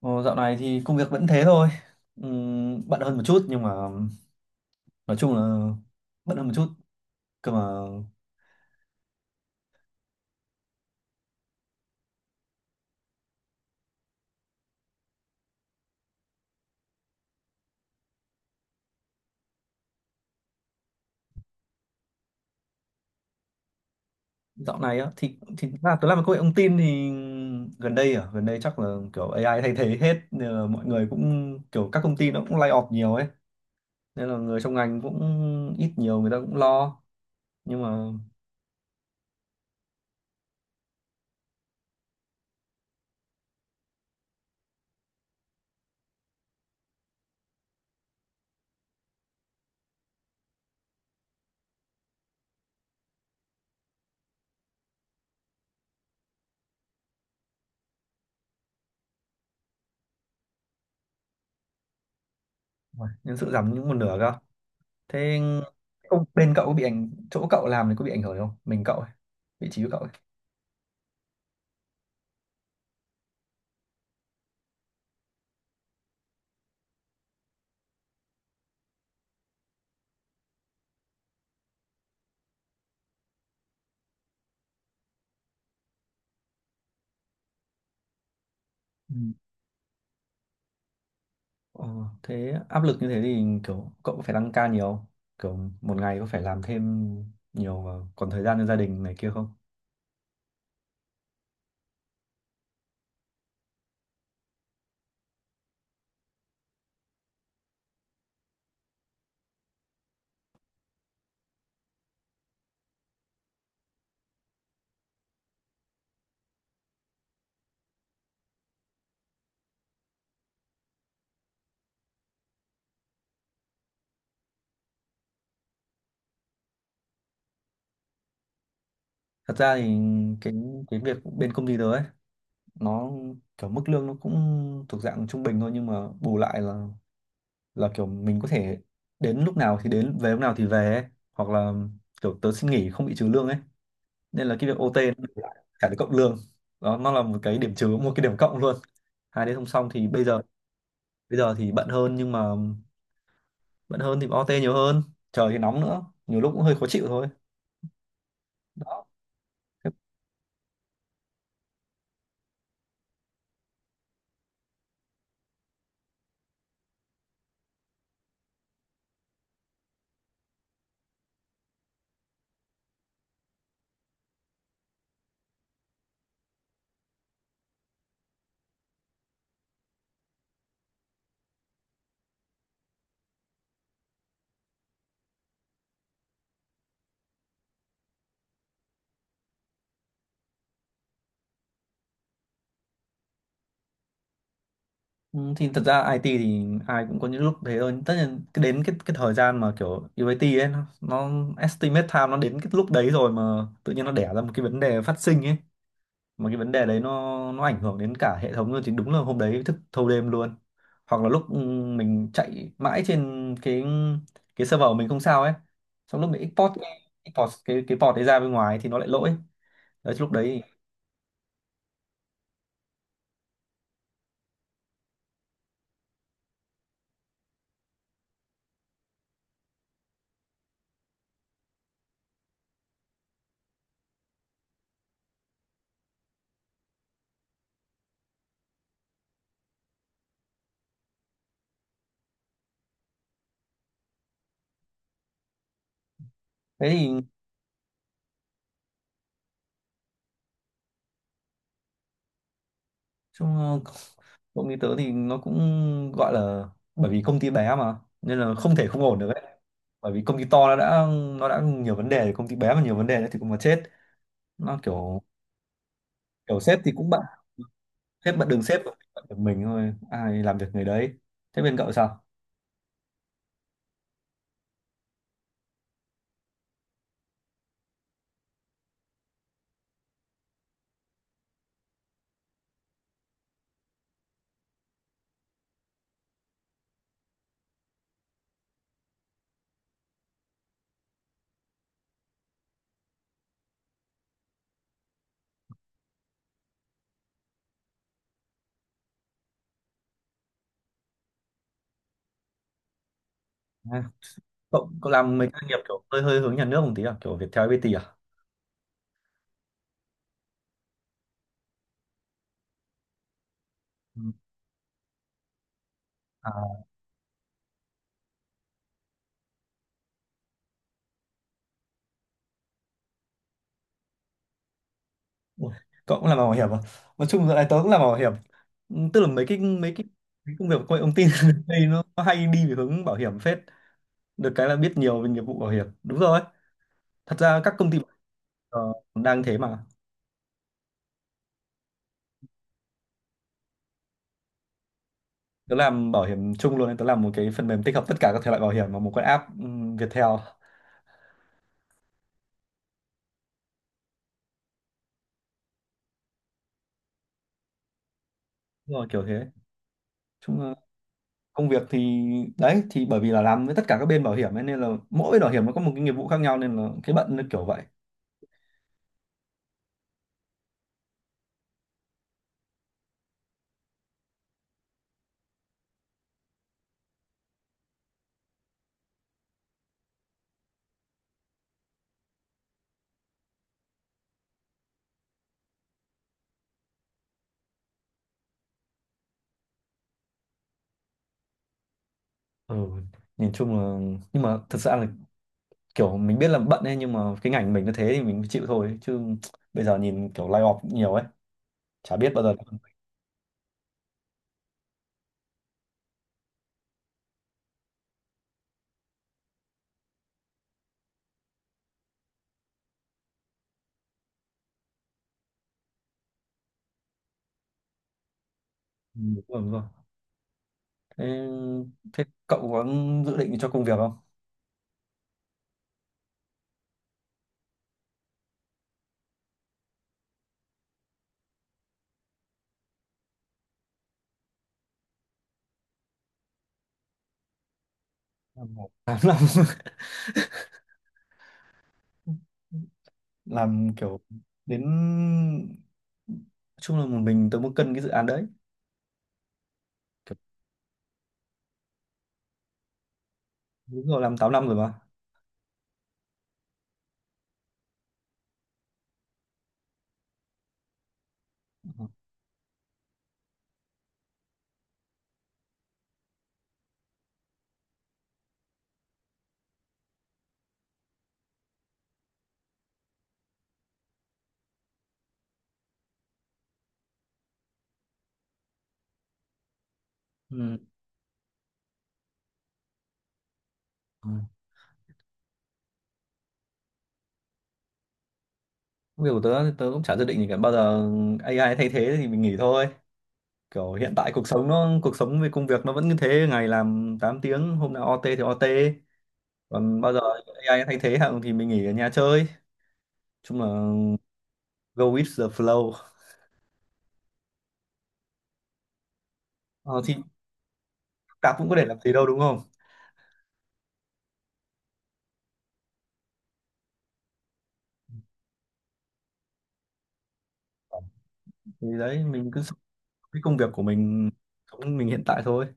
Ồ, dạo này thì công việc vẫn thế thôi. Bận hơn một chút nhưng mà nói chung là bận hơn một chút. Cơ mà dạo này á thì là tôi làm công nghệ thông tin thì gần đây chắc là kiểu AI thay thế hết nên là mọi người cũng kiểu các công ty nó cũng lay off nhiều ấy. Nên là người trong ngành cũng ít nhiều người ta cũng lo nhưng mà uầy, nhân sự giảm những một nửa cơ. Thế không bên cậu có bị chỗ cậu làm thì có bị ảnh hưởng không? Mình cậu ấy, vị trí của cậu ấy. Ờ, Thế áp lực như thế thì kiểu cậu có phải tăng ca nhiều không? Kiểu một ngày có phải làm thêm nhiều và còn thời gian cho gia đình này kia không? Thật ra thì cái cái việc bên công ty tớ ấy nó kiểu mức lương nó cũng thuộc dạng trung bình thôi nhưng mà bù lại là kiểu mình có thể đến lúc nào thì đến về lúc nào thì về ấy. Hoặc là kiểu tớ xin nghỉ không bị trừ lương ấy nên là cái việc OT nó bù lại cả cái cộng lương đó, nó là một cái điểm trừ một cái điểm cộng luôn. Hai đứa không xong thì bây giờ thì bận hơn nhưng mà bận hơn thì OT nhiều hơn, trời thì nóng nữa, nhiều lúc cũng hơi khó chịu thôi. Đó. Thế- ừ, thì thật ra IT thì ai cũng có những lúc thế thôi, tất nhiên cái đến cái thời gian mà kiểu UAT ấy nó estimate time nó đến cái lúc đấy rồi mà tự nhiên nó đẻ ra một cái vấn đề phát sinh ấy, mà cái vấn đề đấy nó ảnh hưởng đến cả hệ thống luôn thì đúng là hôm đấy thức thâu đêm luôn. Hoặc là lúc mình chạy mãi trên cái server của mình không sao ấy, xong lúc mình export cái port đấy ra bên ngoài thì nó lại lỗi. Đấy, lúc đấy. Thế thì chung, công ty tớ thì nó cũng gọi là, bởi vì công ty bé mà nên là không thể không ổn được ấy. Bởi vì công ty to nó đã nhiều vấn đề, công ty bé mà nhiều vấn đề nữa thì cũng mà chết. Nó kiểu kiểu sếp thì cũng bận. Sếp bận đường sếp, bận được mình thôi, ai làm việc người đấy. Thế bên cậu sao? À, cậu cậu làm mấy cái doanh nghiệp kiểu hơi hơi hướng nhà nước một tí à, kiểu Viettel, FPT à? Ừ. À, ui, cậu cũng làm bảo hiểm à? Nói chung giờ này tớ cũng làm bảo hiểm. Ừ, tức là mấy cái công việc của công nghệ thông tin đây nó hay đi về hướng bảo hiểm phết. Được cái là biết nhiều về nghiệp vụ bảo hiểm, đúng rồi. Thật ra các công ty đang thế mà. Tớ làm bảo hiểm chung luôn nên tớ làm một cái phần mềm tích hợp tất cả các thể loại bảo hiểm vào một cái app, Viettel. Đúng rồi, kiểu thế. Chung là công việc thì, đấy thì bởi vì là làm với tất cả các bên bảo hiểm ấy, nên là mỗi bên bảo hiểm nó có một cái nghiệp vụ khác nhau nên là cái bận nó kiểu vậy. Ừ, nhìn chung là, nhưng mà thật ra là kiểu mình biết là bận ấy, nhưng mà cái ngành mình nó thế thì mình chịu thôi chứ. Bây giờ nhìn kiểu lay off nhiều ấy, chả biết bao giờ. Ừ, đúng rồi, đúng rồi. Thế, thế cậu có dự định cho công việc không? Làm 8 năm. Làm kiểu đến, nói chung là một mình tớ muốn cân cái dự án đấy. Kiểu, đúng rồi, làm 8 năm rồi mà. Ừ. Ừ. Công việc của tớ thì tớ cũng chả dự định gì cả, bao giờ AI thay thế thì mình nghỉ thôi. Kiểu hiện tại cuộc sống nó, cuộc sống về công việc nó vẫn như thế, ngày làm 8 tiếng, hôm nào OT thì OT. Còn bao giờ AI thay thế hạng thì mình nghỉ ở nhà chơi. Nói chung là go with the flow. Ờ, thì cả cũng có thể làm gì đâu đúng không, thì đấy mình cứ sống cái công việc của mình, sống mình hiện tại thôi.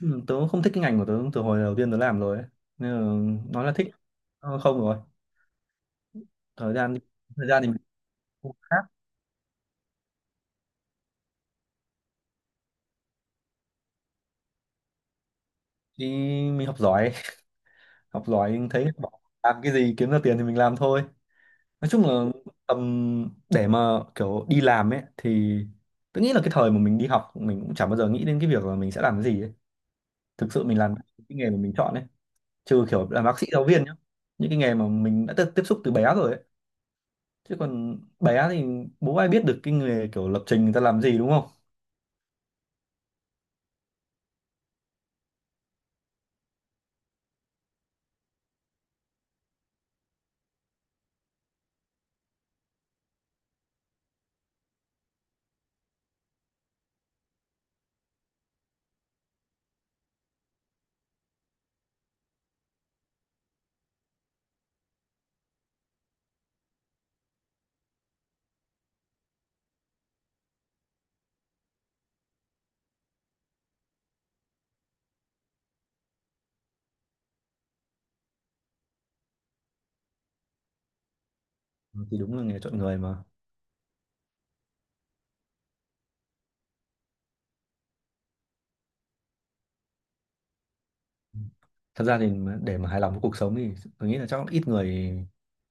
Ừ, tớ không thích cái ngành của tớ từ hồi đầu tiên tớ làm rồi ấy. Nên là nói là thích, không rồi, thời gian, thì mình không khác. Thì mình học giỏi, học giỏi thấy bỏ, làm cái gì kiếm ra tiền thì mình làm thôi. Nói chung là tầm để mà kiểu đi làm ấy, thì tớ nghĩ là cái thời mà mình đi học mình cũng chẳng bao giờ nghĩ đến cái việc là mình sẽ làm cái gì ấy. Thực sự mình làm cái nghề mà mình chọn ấy, trừ kiểu làm bác sĩ, giáo viên nhá, những cái nghề mà mình đã tiếp tiếp xúc từ bé rồi ấy. Chứ còn bé thì bố ai biết được cái nghề kiểu lập trình người ta làm gì đúng không. Ừ, thì đúng là nghề chọn người mà. Thật ra thì mà- để mà hài lòng với cuộc sống thì tôi nghĩ là chắc ít người,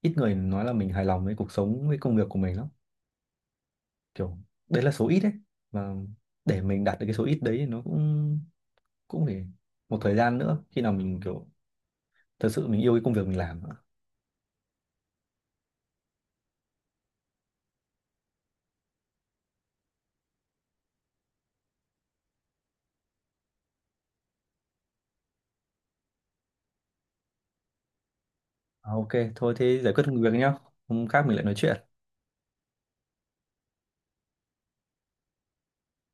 ít người nói là mình hài lòng với cuộc sống với công việc của mình lắm. Kiểu đấy là số ít đấy, và để mình đạt được cái số ít đấy thì nó cũng cũng phải một thời gian nữa, khi nào mình kiểu thật sự mình yêu cái công việc mình làm nữa. À, ok, thôi thế giải quyết công việc nhá, hôm khác mình lại nói chuyện.